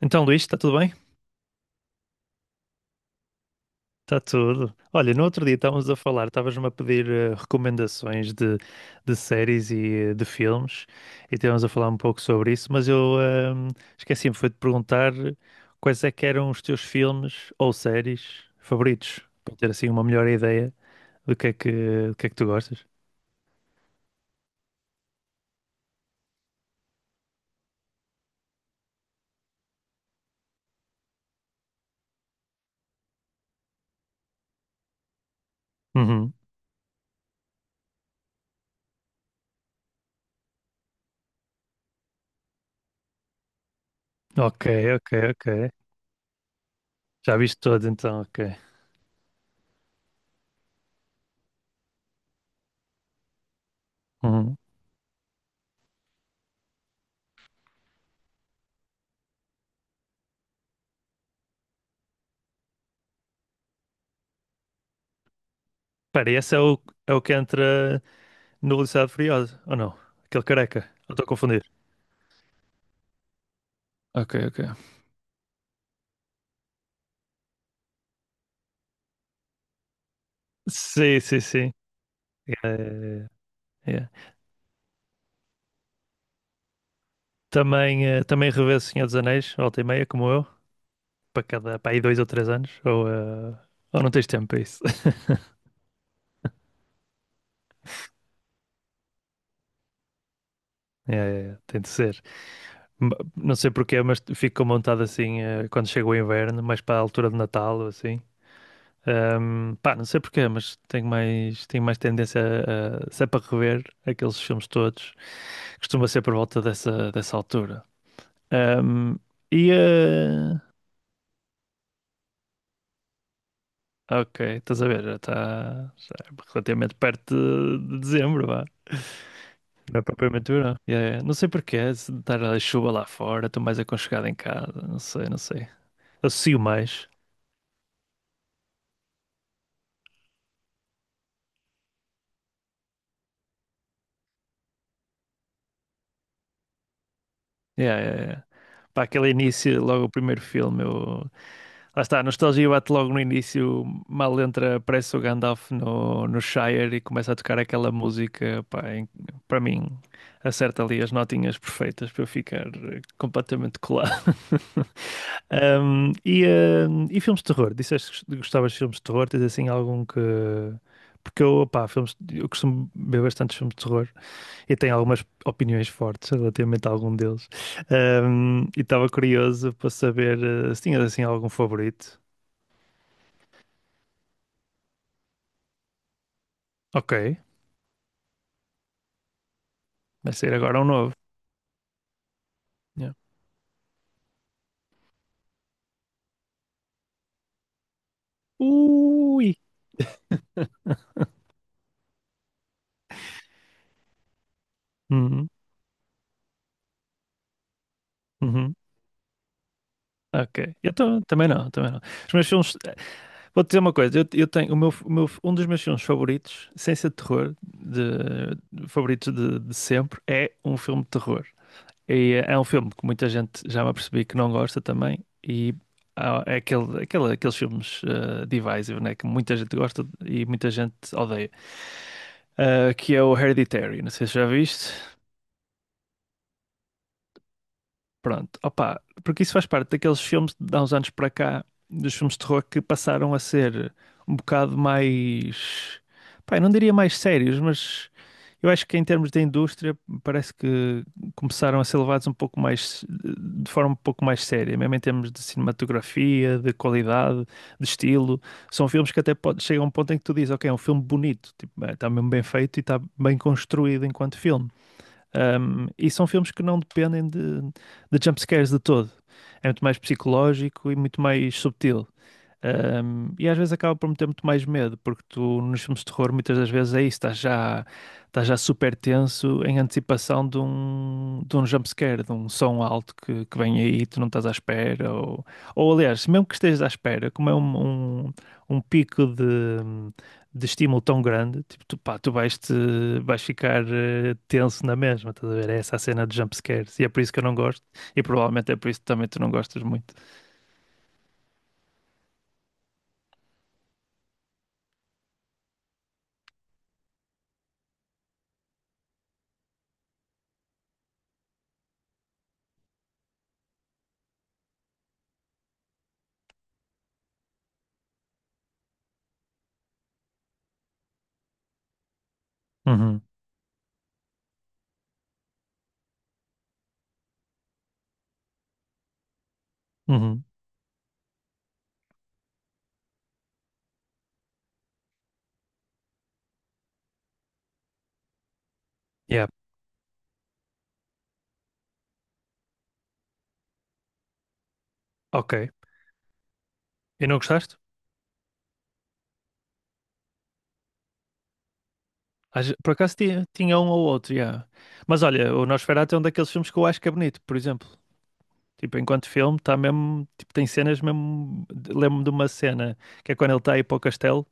Então, Luís, está tudo bem? Está tudo. Olha, no outro dia estávamos a falar, estavas-me a pedir recomendações de séries e de filmes, e estávamos a falar um pouco sobre isso, mas eu esqueci-me, foi de perguntar quais é que eram os teus filmes ou séries favoritos, para ter assim uma melhor ideia do que é que tu gostas. Uhum. Ok, ok, ok. Já viste todos então, ok. Uhum. Espera, e esse é o que entra no Velocidade Furiosa, ou não? Aquele careca? Ou estou a confundir? Ok, ok. Sim, sim, sim. Eh, yeah. Também, também revejo o Senhor dos Anéis, volta e meia, como eu, para aí dois ou três anos, ou ou não tens tempo para isso. Yeah, yeah, yeah, tem de ser. Não sei porquê, mas fico montado assim, quando chega o inverno, mais para a altura de Natal ou assim. Pá, não sei porquê, mas tenho mais tendência se é para rever aqueles filmes todos, costuma ser por volta dessa altura. Ahm, e, eh, Ok, estás a ver, já é relativamente perto de dezembro, vá. Não é propriamente verão. Yeah, yeah. Não sei porquê, se estar a chuva lá fora, estou mais aconchegado em casa, não sei, não sei. Associo mais. Yeah, yeah, yeah. Para aquele início, logo o primeiro filme, eu... lá está, a nostalgia bate logo no início, mal entra, aparece o Gandalf no Shire e começa a tocar aquela música, para mim, acerta ali as notinhas perfeitas para eu ficar completamente colado. Ahm, e, e filmes de terror? Disseste que gostavas de filmes de terror? Tens assim algum que. Porque eu, opá, filmes, eu costumo ver bastantes filmes de terror e tenho algumas opiniões fortes relativamente a algum deles. E estava curioso para saber se tinhas assim algum favorito. Ok, vai sair agora um novo. Yeah. Ui! Uhum, uhum, ok. Também não, também não. Os meus filmes, Vou-te dizer uma coisa, eu tenho um dos meus filmes favoritos, sem ser de terror, favoritos de sempre, é um filme de terror. E é um filme que muita gente já me apercebi que não gosta também, e aqueles filmes divisive, né, que muita gente gosta e muita gente odeia. Eh, que é o Hereditary, não sei se já viste. Pronto, opa, porque isso faz parte daqueles filmes de há uns anos para cá, dos filmes de terror que passaram a ser um bocado mais, pá, eu não diria mais sérios, mas eu acho que em termos de indústria parece que começaram a ser levados um pouco mais, de forma um pouco mais séria, mesmo em termos de cinematografia, de qualidade, de estilo. São filmes que chegam a um ponto em que tu dizes, ok, é um filme bonito, tipo, é, está mesmo bem feito e está bem construído enquanto filme. Um, e são filmes que não dependem de jumpscares de todo. É muito mais psicológico e muito mais subtil. Um, e às vezes acaba por meter muito mais medo, porque tu nos filmes de terror muitas das vezes é isso, estás já super tenso em antecipação de um jumpscare, de um som alto que vem aí e tu não estás à espera. Ou Aliás, mesmo que estejas à espera, como é um pico de estímulo tão grande, tipo, tu, pá, tu vais, te, vais ficar tenso na mesma, estás a ver? É essa a cena de jumpscares e é por isso que eu não gosto e provavelmente é por isso que também tu não gostas muito. Uhum, uhum. Yeah. Ok. E não gostaste? Por acaso tinha um ou outro, já. Mas olha, o Nosferatu é um daqueles filmes que eu acho que é bonito, por exemplo. Tipo, enquanto filme, está mesmo. Tipo, tem cenas mesmo. Lembro-me de uma cena que é quando ele está a ir para o castelo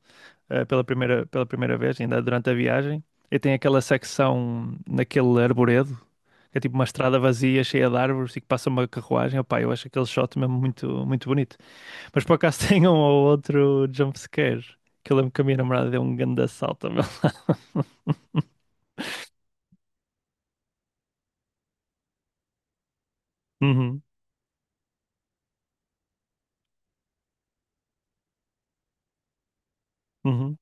pela primeira vez, ainda durante a viagem. E tem aquela secção naquele arboredo, que é tipo uma estrada vazia, cheia de árvores e que passa uma carruagem. Opá, eu acho aquele shot mesmo muito, muito bonito. Mas por acaso tem um ou outro jumpscare, que eu lembro que a minha namorada deu um grande assalto ao meu lado. Uhum, uhum.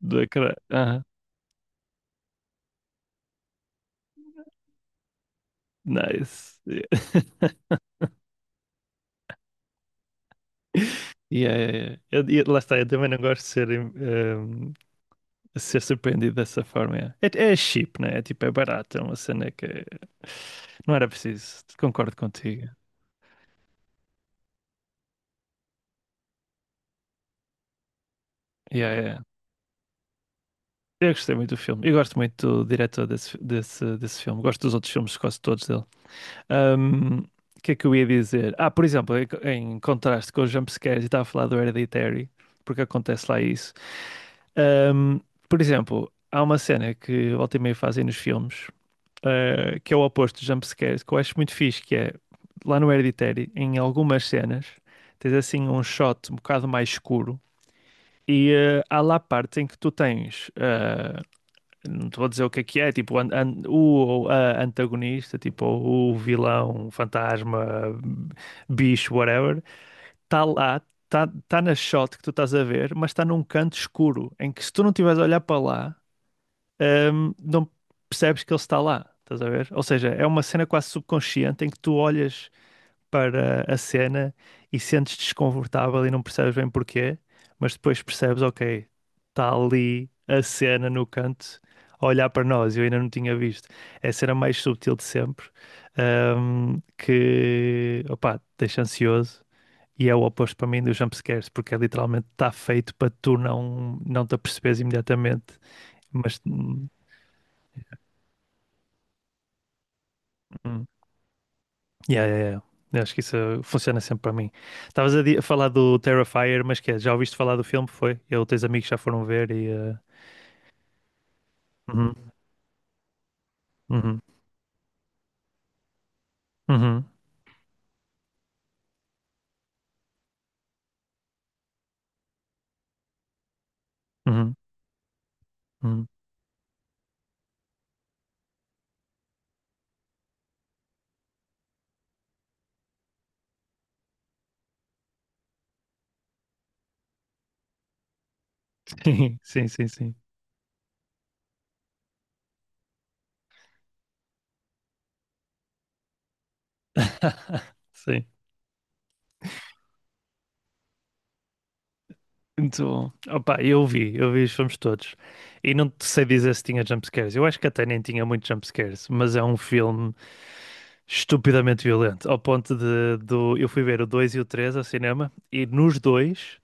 Da cra... ah Nice. Yeah, yeah, yeah. Lá está, eu também não gosto de ser, ser surpreendido dessa forma. Yeah. É, é cheap, né? É tipo, é barato, é uma cena que não era preciso. Concordo contigo. Yeah, yeah. Yeah. Eu gostei muito do filme. Eu gosto muito do diretor desse filme. Gosto dos outros filmes, quase todos dele. Ahm, O que é que eu ia dizer? Ah, por exemplo, em contraste com os jumpscares, eu estava a falar do Hereditary, porque acontece lá isso. Ahm, por exemplo, há uma cena que volta e meia fazem nos filmes, ah, que é o oposto de jumpscares, que eu acho muito fixe, que é lá no Hereditary, em algumas cenas, tens assim um shot um bocado mais escuro. E ah, há lá partes em que tu tens, ah, não te vou dizer o que é, tipo antagonista, tipo o vilão, fantasma, bicho, whatever, está lá, está tá tá na shot que tu estás a ver, mas está num canto escuro, em que se tu não estiveres a olhar para lá, não percebes que ele está lá, estás a ver? Ou seja, é uma cena quase subconsciente em que tu olhas para a cena e sentes desconfortável e não percebes bem porquê, mas depois percebes, ok, está ali a cena no canto a olhar para nós, eu ainda não tinha visto. É a cena mais subtil de sempre, que, opá, deixa ansioso. E é o oposto para mim dos jumpscares, porque é literalmente está feito para tu não te aperceberes imediatamente. Mas hum. Yeah, yeah, yeah. Eu acho que isso funciona sempre para mim. Estavas a falar do Terrifier, mas que é, já ouviste falar do filme? Foi? Eu, teus amigos já foram ver e. Eh, uhum, uhum, uhum, uhum, uhum. Sim, sim, sim, sim. Sim. Então, opa, eu vi os filmes todos. E não te sei dizer se tinha jumpscares. Eu acho que até nem tinha muitos jumpscares, mas é um filme estupidamente violento. Ao ponto eu fui ver o 2 e o 3 ao cinema e nos dois.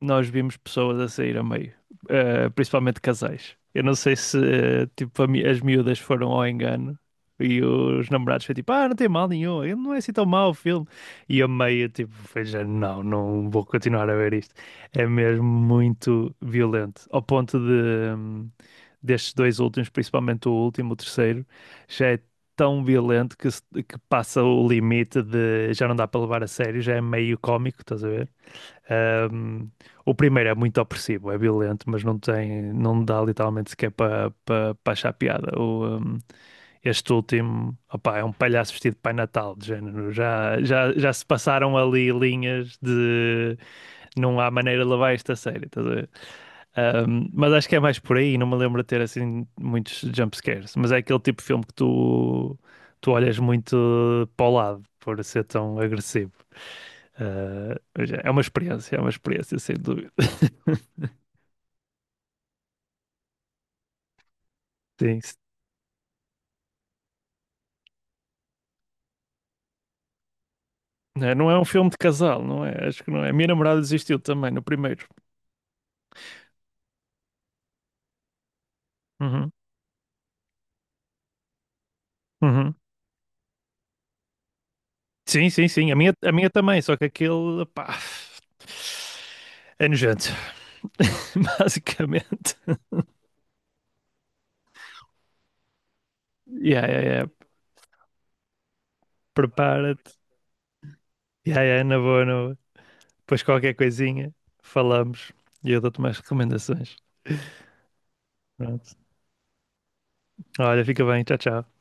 Nós vimos pessoas a sair a meio, eh, principalmente casais. Eu não sei se eh, tipo, as miúdas foram ao engano e os namorados foi tipo, ah, não tem mal nenhum, ele não é assim tão mau o filme. E a meio, tipo, foi já, não, não vou continuar a ver isto. É mesmo muito violento, ao ponto de hum, destes dois últimos, principalmente o último, o terceiro, já é tão violento que, se- que passa o limite de já não dá para levar a sério, já é meio cómico, estás a ver? Um, o primeiro é muito opressivo, é violento, mas não tem, não dá literalmente sequer para achar piada. Este último, opá, é um palhaço vestido de Pai Natal, de género. Já se passaram ali linhas de não há maneira de levar esta a sério, estás a ver? Um, mas acho que é mais por aí, não me lembro de ter assim muitos jumpscares. Mas é aquele tipo de filme que tu olhas muito para o lado por ser tão agressivo. Ah, mas é uma experiência, é uma experiência, sem dúvida. Sim. se- Não é não é um filme de casal, não é? Acho que não é. A minha namorada desistiu também no primeiro. Uhum, uhum. Sim, sim, sim. A minha também, só que aquele, pá, é nojento. Basicamente. Yeah, yeah, yeah. Prepara-te. Yeah, yeah, na boa, na boa. Depois qualquer coisinha, falamos e eu dou-te mais recomendações. Pronto. Olha, fica bem. Tchau, tchau.